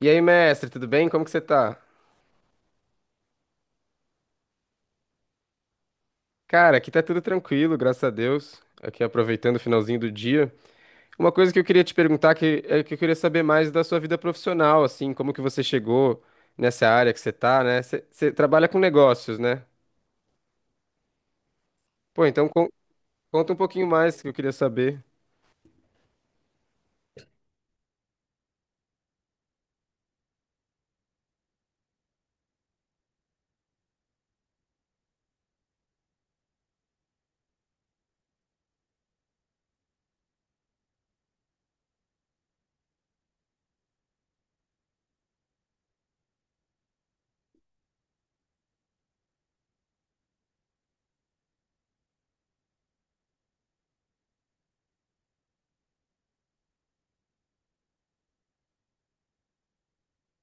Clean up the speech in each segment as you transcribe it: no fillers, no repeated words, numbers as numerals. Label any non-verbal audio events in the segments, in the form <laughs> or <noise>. E aí, mestre, tudo bem? Como que você tá? Cara, aqui tá tudo tranquilo, graças a Deus. Aqui aproveitando o finalzinho do dia. Uma coisa que eu queria te perguntar que é que eu queria saber mais da sua vida profissional, assim, como que você chegou nessa área que você tá, né? Você trabalha com negócios, né? Pô, conta um pouquinho mais que eu queria saber.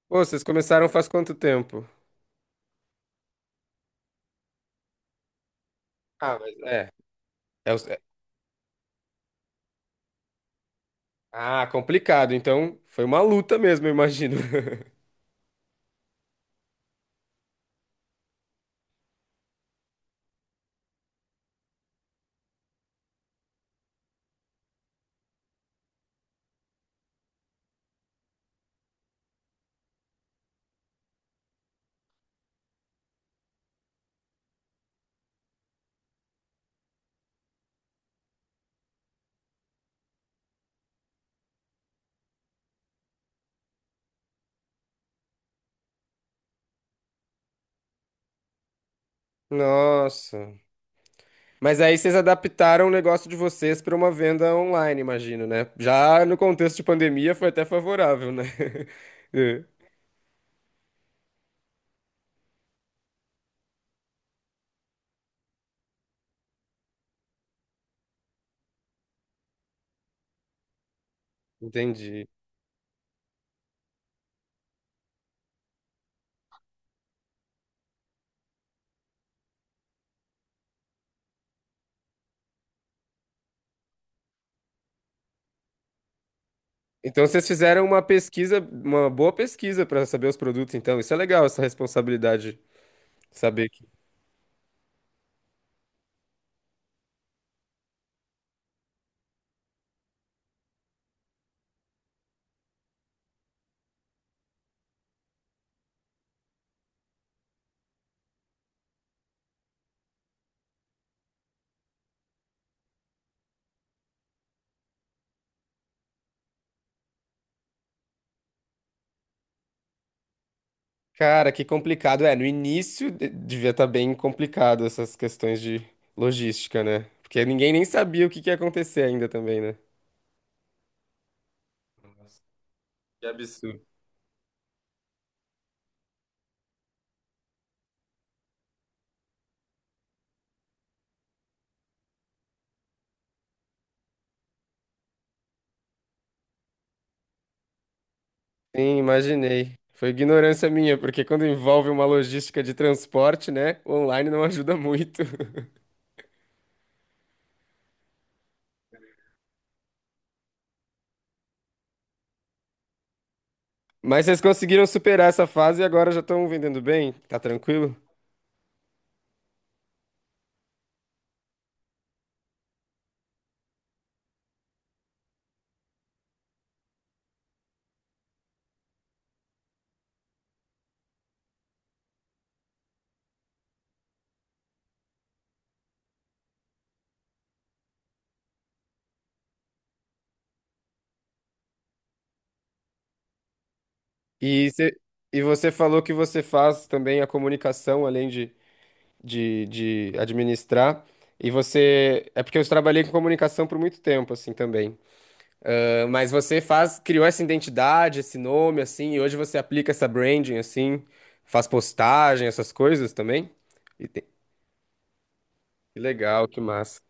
Pô, vocês começaram faz quanto tempo? Ah, mas é. é os- é- Ah, complicado. Então, foi uma luta mesmo, eu imagino. <laughs> Nossa. Mas aí vocês adaptaram o negócio de vocês para uma venda online, imagino, né? Já no contexto de pandemia foi até favorável, né? <laughs> É. Entendi. Então vocês fizeram uma pesquisa, uma boa pesquisa para saber os produtos, então. Isso é legal, essa responsabilidade, saber que. Cara, que complicado. É, no devia estar bem complicado essas questões de logística, né? Porque ninguém nem sabia o que que ia acontecer ainda também, né? Que absurdo. Sim, imaginei. Foi ignorância minha, porque quando envolve uma logística de transporte, né, o online não ajuda muito. <laughs> Mas vocês conseguiram superar essa fase e agora já estão vendendo bem? Tá tranquilo? E, cê- e você falou que você faz também a comunicação, além de administrar. E você. É porque eu trabalhei com comunicação por muito tempo, assim, também. Ah, mas você faz, criou essa identidade, esse nome, assim, e hoje você aplica essa branding, assim, faz postagem, essas coisas também. E tem- Que legal, que massa.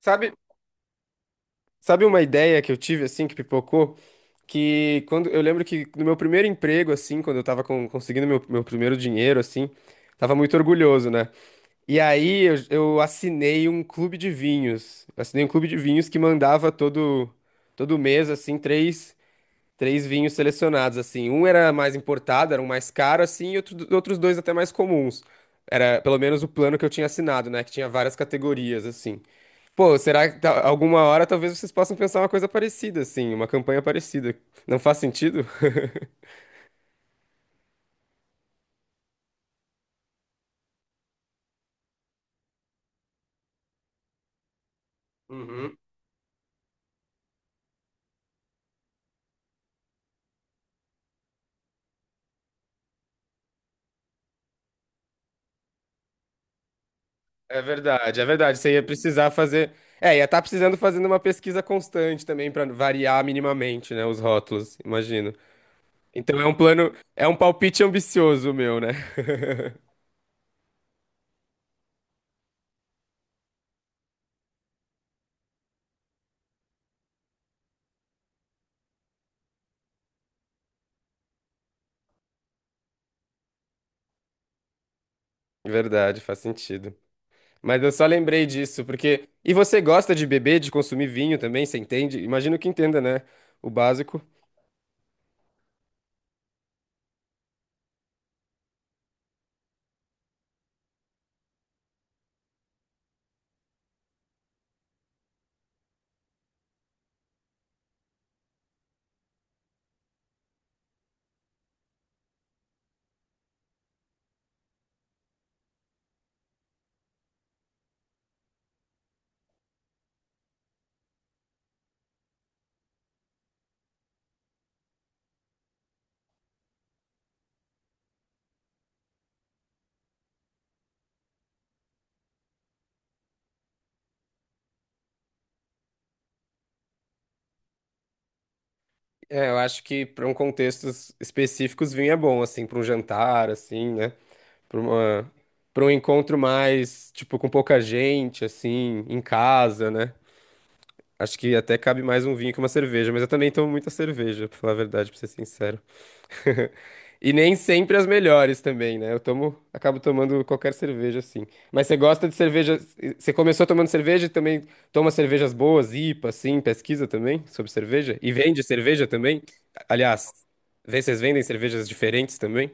Sabe, sabe, uma ideia que eu tive, assim, que pipocou? Que quando, eu lembro que no meu primeiro emprego, assim, quando eu tava conseguindo meu primeiro dinheiro, assim, tava muito orgulhoso, né? E aí eu assinei um clube de vinhos. Assinei um clube de vinhos que mandava todo mês, assim, três. Três vinhos selecionados, assim. Um era mais importado, era um mais caro, assim, e outros dois até mais comuns. Era pelo menos o plano que eu tinha assinado, né? Que tinha várias categorias, assim. Pô, será que alguma hora talvez vocês possam pensar uma coisa parecida, assim, uma campanha parecida? Não faz sentido? Uhum. É verdade, é verdade. Você ia precisar fazer. É, ia estar precisando fazendo uma pesquisa constante também para variar minimamente, né? Os rótulos, imagino. Então é um plano, é um palpite ambicioso meu, né? <laughs> Verdade, faz sentido. Mas eu só lembrei disso, porque. E você gosta de beber, de consumir vinho também, você entende? Imagino que entenda, né? O básico. É, eu acho que para um contextos específicos, vinho é bom, assim, para um jantar, assim, né? Para uma... para um encontro mais, tipo, com pouca gente, assim, em casa, né? Acho que até cabe mais um vinho que uma cerveja, mas eu também tomo muita cerveja, pra falar a verdade, pra ser sincero. <laughs> E nem sempre as melhores também, né? Eu tomo, acabo tomando qualquer cerveja assim. Mas você gosta de cerveja? Você começou tomando cerveja e também toma cervejas boas, IPA, assim, pesquisa também sobre cerveja? E vende cerveja também? Aliás, vê se vocês vendem cervejas diferentes também?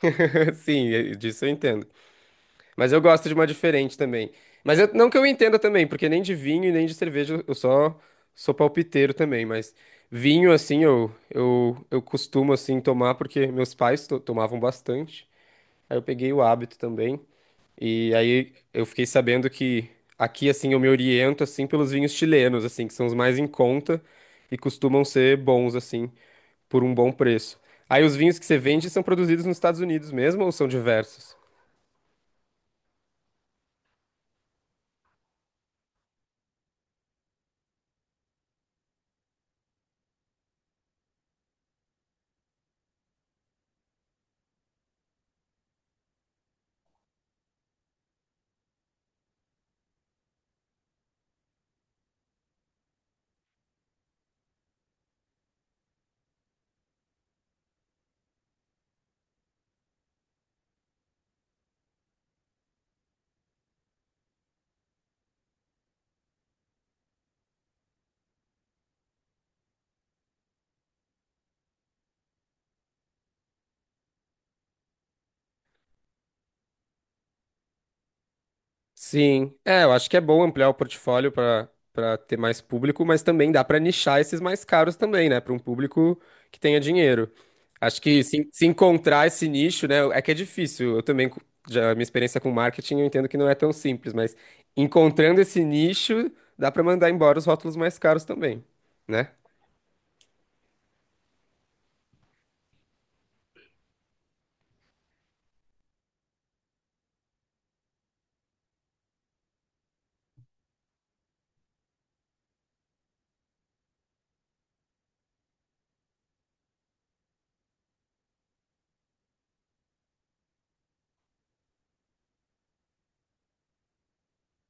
<laughs> Sim, disso eu entendo. Mas eu gosto de uma diferente também. Mas não que eu entenda também, porque nem de vinho e nem de cerveja eu só sou palpiteiro também. Mas vinho, assim, eu costumo, assim, tomar porque meus pais tomavam bastante. Aí eu peguei o hábito também. E aí eu fiquei sabendo que aqui, assim, eu me oriento, assim, pelos vinhos chilenos, assim, que são os mais em conta e costumam ser bons, assim, por um bom preço. Aí os vinhos que você vende são produzidos nos Estados Unidos mesmo ou são diversos? Sim, é, eu acho que é bom ampliar o portfólio para ter mais público, mas também dá para nichar esses mais caros também, né, para um público que tenha dinheiro. Acho que se encontrar esse nicho, né, é que é difícil. Eu também, já minha experiência com marketing, eu entendo que não é tão simples, mas encontrando esse nicho, dá para mandar embora os rótulos mais caros também, né?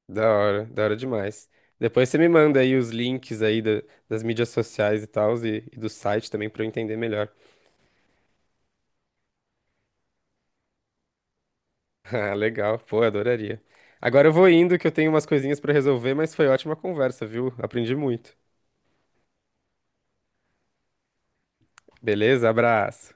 Da hora demais. Depois você me manda aí os links aí das mídias sociais e tal, e do site também para eu entender melhor. <laughs> Ah, legal. Pô, adoraria. Agora eu vou indo que eu tenho umas coisinhas pra resolver, mas foi ótima conversa, viu? Aprendi muito. Beleza? Abraço.